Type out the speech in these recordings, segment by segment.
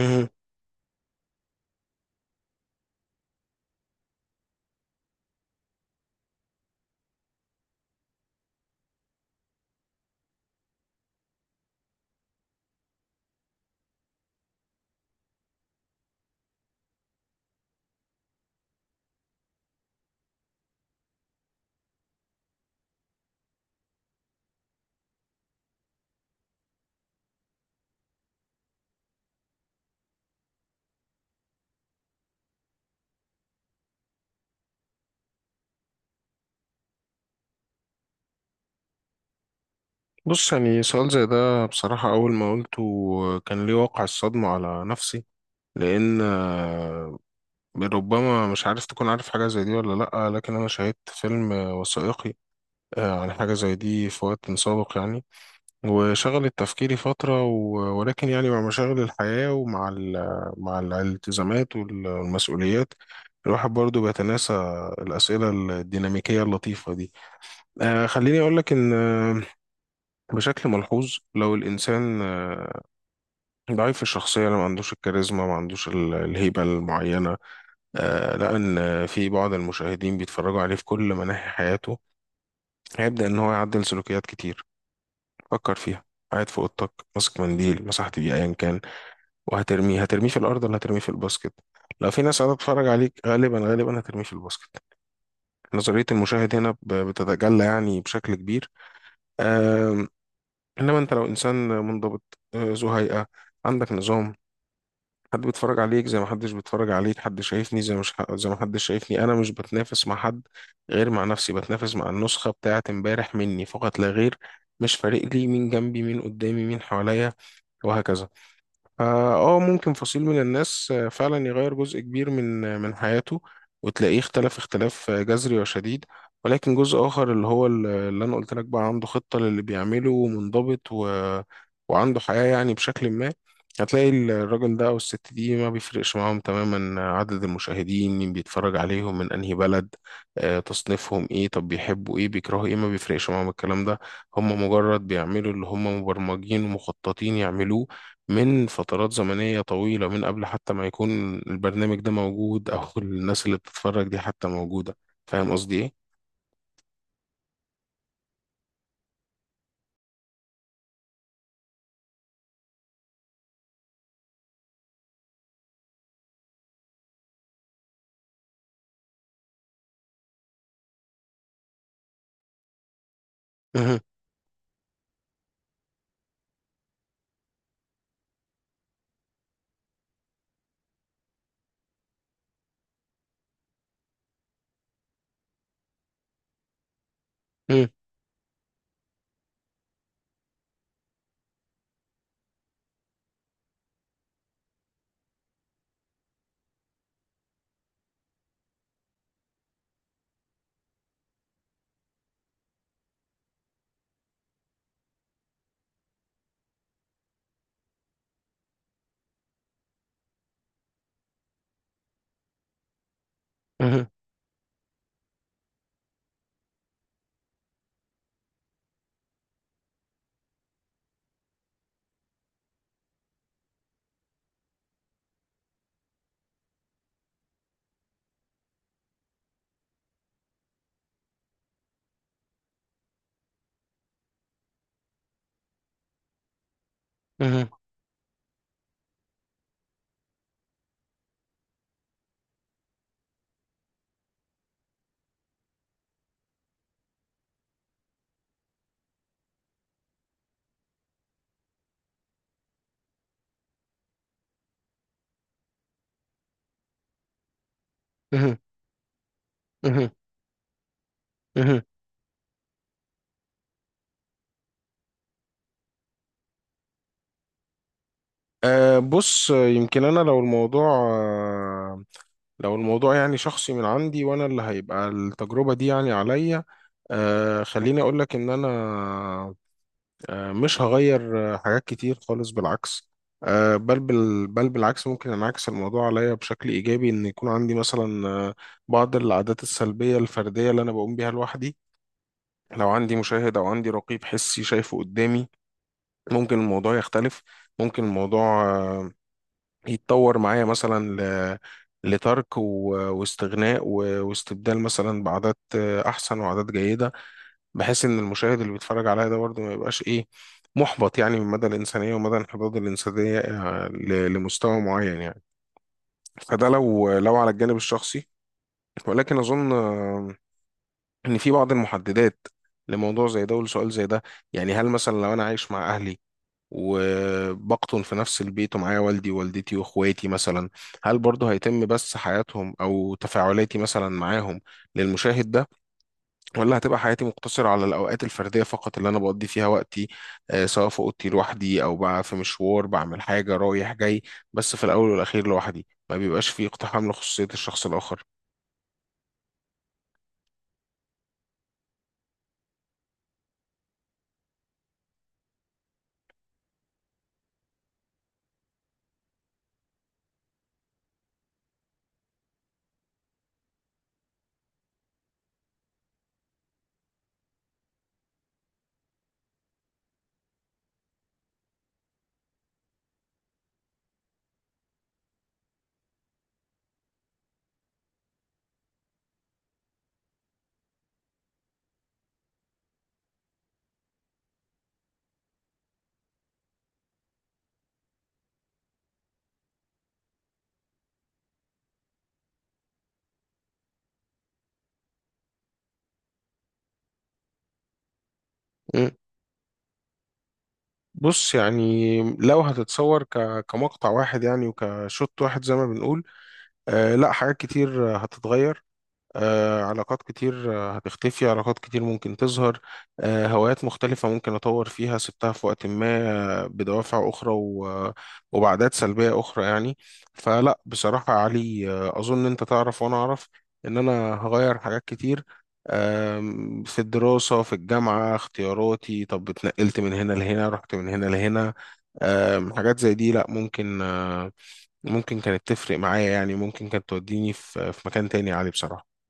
مهم. بص يعني سؤال زي ده بصراحة أول ما قلته كان ليه واقع الصدمة على نفسي، لأن ربما مش عارف تكون عارف حاجة زي دي ولا لأ، لكن أنا شاهدت فيلم وثائقي عن حاجة زي دي في وقت سابق يعني، وشغلت تفكيري فترة ولكن يعني مع مشاغل الحياة ومع مع الالتزامات والمسؤوليات، الواحد برضو بيتناسى الأسئلة الديناميكية اللطيفة دي. خليني أقول لك إن بشكل ملحوظ لو الإنسان ضعيف الشخصية، لو ما عندوش الكاريزما، ما عندوش الهيبة المعينة، لقى إن في بعض المشاهدين بيتفرجوا عليه في كل مناحي حياته، هيبدأ إن هو يعدل سلوكيات كتير. فكر فيها، قاعد في أوضتك ماسك منديل مسحت بيه أيا كان، وهترميه، هترميه في الأرض ولا هترميه في الباسكت؟ لو في ناس قاعدة تتفرج عليك، غالبا غالبا هترميه في الباسكت. نظرية المشاهد هنا بتتجلى يعني بشكل كبير. آم، إنما أنت لو إنسان منضبط، ذو هيئة، عندك نظام، حد بيتفرج عليك زي ما حدش بيتفرج عليك، حد شايفني زي مش زي ما حدش شايفني، انا مش بتنافس مع حد غير مع نفسي، بتنافس مع النسخة بتاعة امبارح مني فقط لا غير. مش فارق لي مين جنبي، مين قدامي، مين حواليا، وهكذا. اه، ممكن فصيل من الناس فعلا يغير جزء كبير من من حياته، وتلاقيه اختلف اختلاف جذري وشديد. ولكن جزء اخر، اللي هو اللي انا قلت لك، بقى عنده خطة للي بيعمله ومنضبط و... وعنده حياة يعني بشكل ما، هتلاقي الراجل ده او الست دي ما بيفرقش معاهم تماما عدد المشاهدين، مين بيتفرج عليهم، من انهي بلد، تصنيفهم ايه، طب بيحبوا ايه، بيكرهوا ايه، ما بيفرقش معاهم الكلام ده. هم مجرد بيعملوا اللي هم مبرمجين ومخططين يعملوه من فترات زمنية طويلة، من قبل حتى ما يكون البرنامج ده موجود، أو الناس اللي بتتفرج دي حتى موجودة. فاهم قصدي إيه؟ مهم، مهم، مهم، مهم، مهم، مهم، مهم. أه بص، يمكن أنا لو الموضوع آه، لو الموضوع يعني شخصي من عندي، وأنا اللي هيبقى التجربة دي يعني عليا، أه خليني أقولك إن أنا مش هغير حاجات كتير خالص، بالعكس، بل بل بالعكس ممكن انعكس الموضوع عليا بشكل ايجابي، ان يكون عندي مثلا بعض العادات السلبيه الفرديه اللي انا بقوم بيها لوحدي، لو عندي مشاهد او عندي رقيب حسي شايفه قدامي، ممكن الموضوع يختلف. ممكن الموضوع يتطور معايا مثلا ل- لترك واستغناء واستبدال مثلا بعادات احسن وعادات جيده، بحيث ان المشاهد اللي بيتفرج عليها ده برضه ما يبقاش ايه، محبط يعني من مدى الانسانيه ومدى انحدار الانسانيه لمستوى معين يعني. فده لو لو على الجانب الشخصي. ولكن اظن ان في بعض المحددات لموضوع زي ده ولسؤال زي ده، يعني هل مثلا لو انا عايش مع اهلي وبقطن في نفس البيت ومعايا والدي ووالدتي واخواتي مثلا، هل برضه هيتم بس حياتهم او تفاعلاتي مثلا معاهم للمشاهد ده، ولا هتبقى حياتي مقتصرة على الأوقات الفردية فقط اللي أنا بقضي فيها وقتي، سواء في أوضتي لوحدي أو بقى في مشوار بعمل حاجة رايح جاي، بس في الأول والأخير لوحدي ما بيبقاش فيه اقتحام لخصوصية الشخص الآخر. مم. بص يعني لو هتتصور كمقطع واحد يعني وكشوت واحد زي ما بنقول، آه لا، حاجات كتير هتتغير. علاقات كتير هتختفي، علاقات كتير ممكن تظهر. هوايات مختلفة ممكن أطور فيها، سبتها في وقت ما بدوافع أخرى وبعدات سلبية أخرى يعني. فلا بصراحة يا علي، أظن أنت تعرف وأنا أعرف إن أنا هغير حاجات كتير. في الدراسة، في الجامعة، اختياراتي، طب اتنقلت من هنا لهنا، رحت من هنا لهنا. حاجات زي دي لا، ممكن ممكن كانت تفرق معايا يعني، ممكن كانت توديني في في مكان تاني يا علي بصراحة.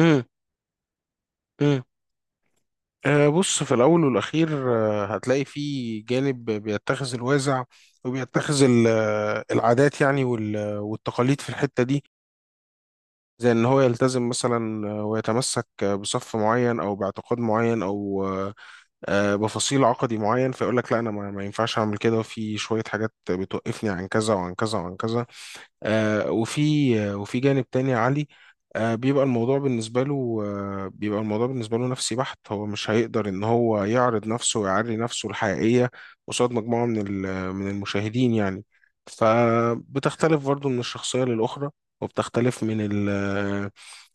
امم امم بص، في الأول والأخير هتلاقي فيه جانب بيتخذ الوازع، وبيتخذ العادات يعني والتقاليد في الحتة دي، زي إن هو يلتزم مثلا ويتمسك بصف معين أو باعتقاد معين أو بفصيل عقدي معين، فيقول لك لا أنا ما ينفعش أعمل كده، وفي شوية حاجات بتوقفني عن كذا وعن كذا وعن كذا. وفي وفي جانب تاني يا علي بيبقى الموضوع بالنسبة له نفسي بحت، هو مش هيقدر إن هو يعرض نفسه ويعري نفسه الحقيقية قصاد مجموعة من من المشاهدين يعني. فبتختلف برضه من الشخصية للأخرى، وبتختلف من ال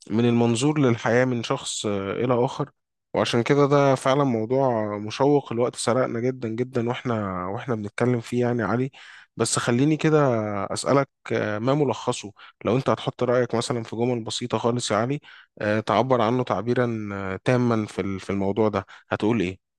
من المنظور للحياة من شخص إلى آخر. وعشان كده ده فعلا موضوع مشوق، الوقت سرقنا جدا جدا واحنا بنتكلم فيه يعني يا علي. بس خليني كده أسألك ما ملخصه، لو انت هتحط رأيك مثلا في جمل بسيطة خالص يا علي تعبر عنه تعبيرا تاما في في الموضوع ده، هتقول ايه؟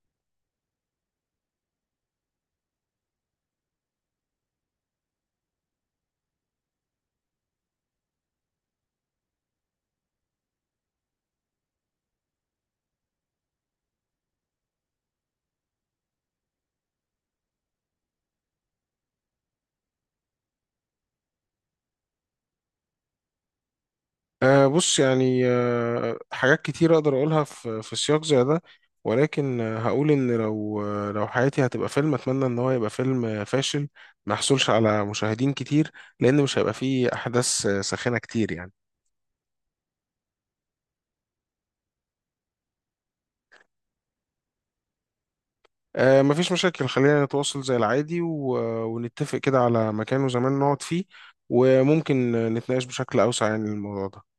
أه بص يعني أه حاجات كتير أقدر أقولها في في سياق زي ده. ولكن هقول إن لو لو حياتي هتبقى فيلم، أتمنى إن هو يبقى فيلم فاشل، ما يحصلش على مشاهدين كتير، لأن مش هيبقى فيه أحداث ساخنة كتير يعني. أه مفيش مشاكل، خلينا نتواصل زي العادي ونتفق كده على مكان وزمان نقعد فيه، وممكن نتناقش بشكل أوسع عن الموضوع ده.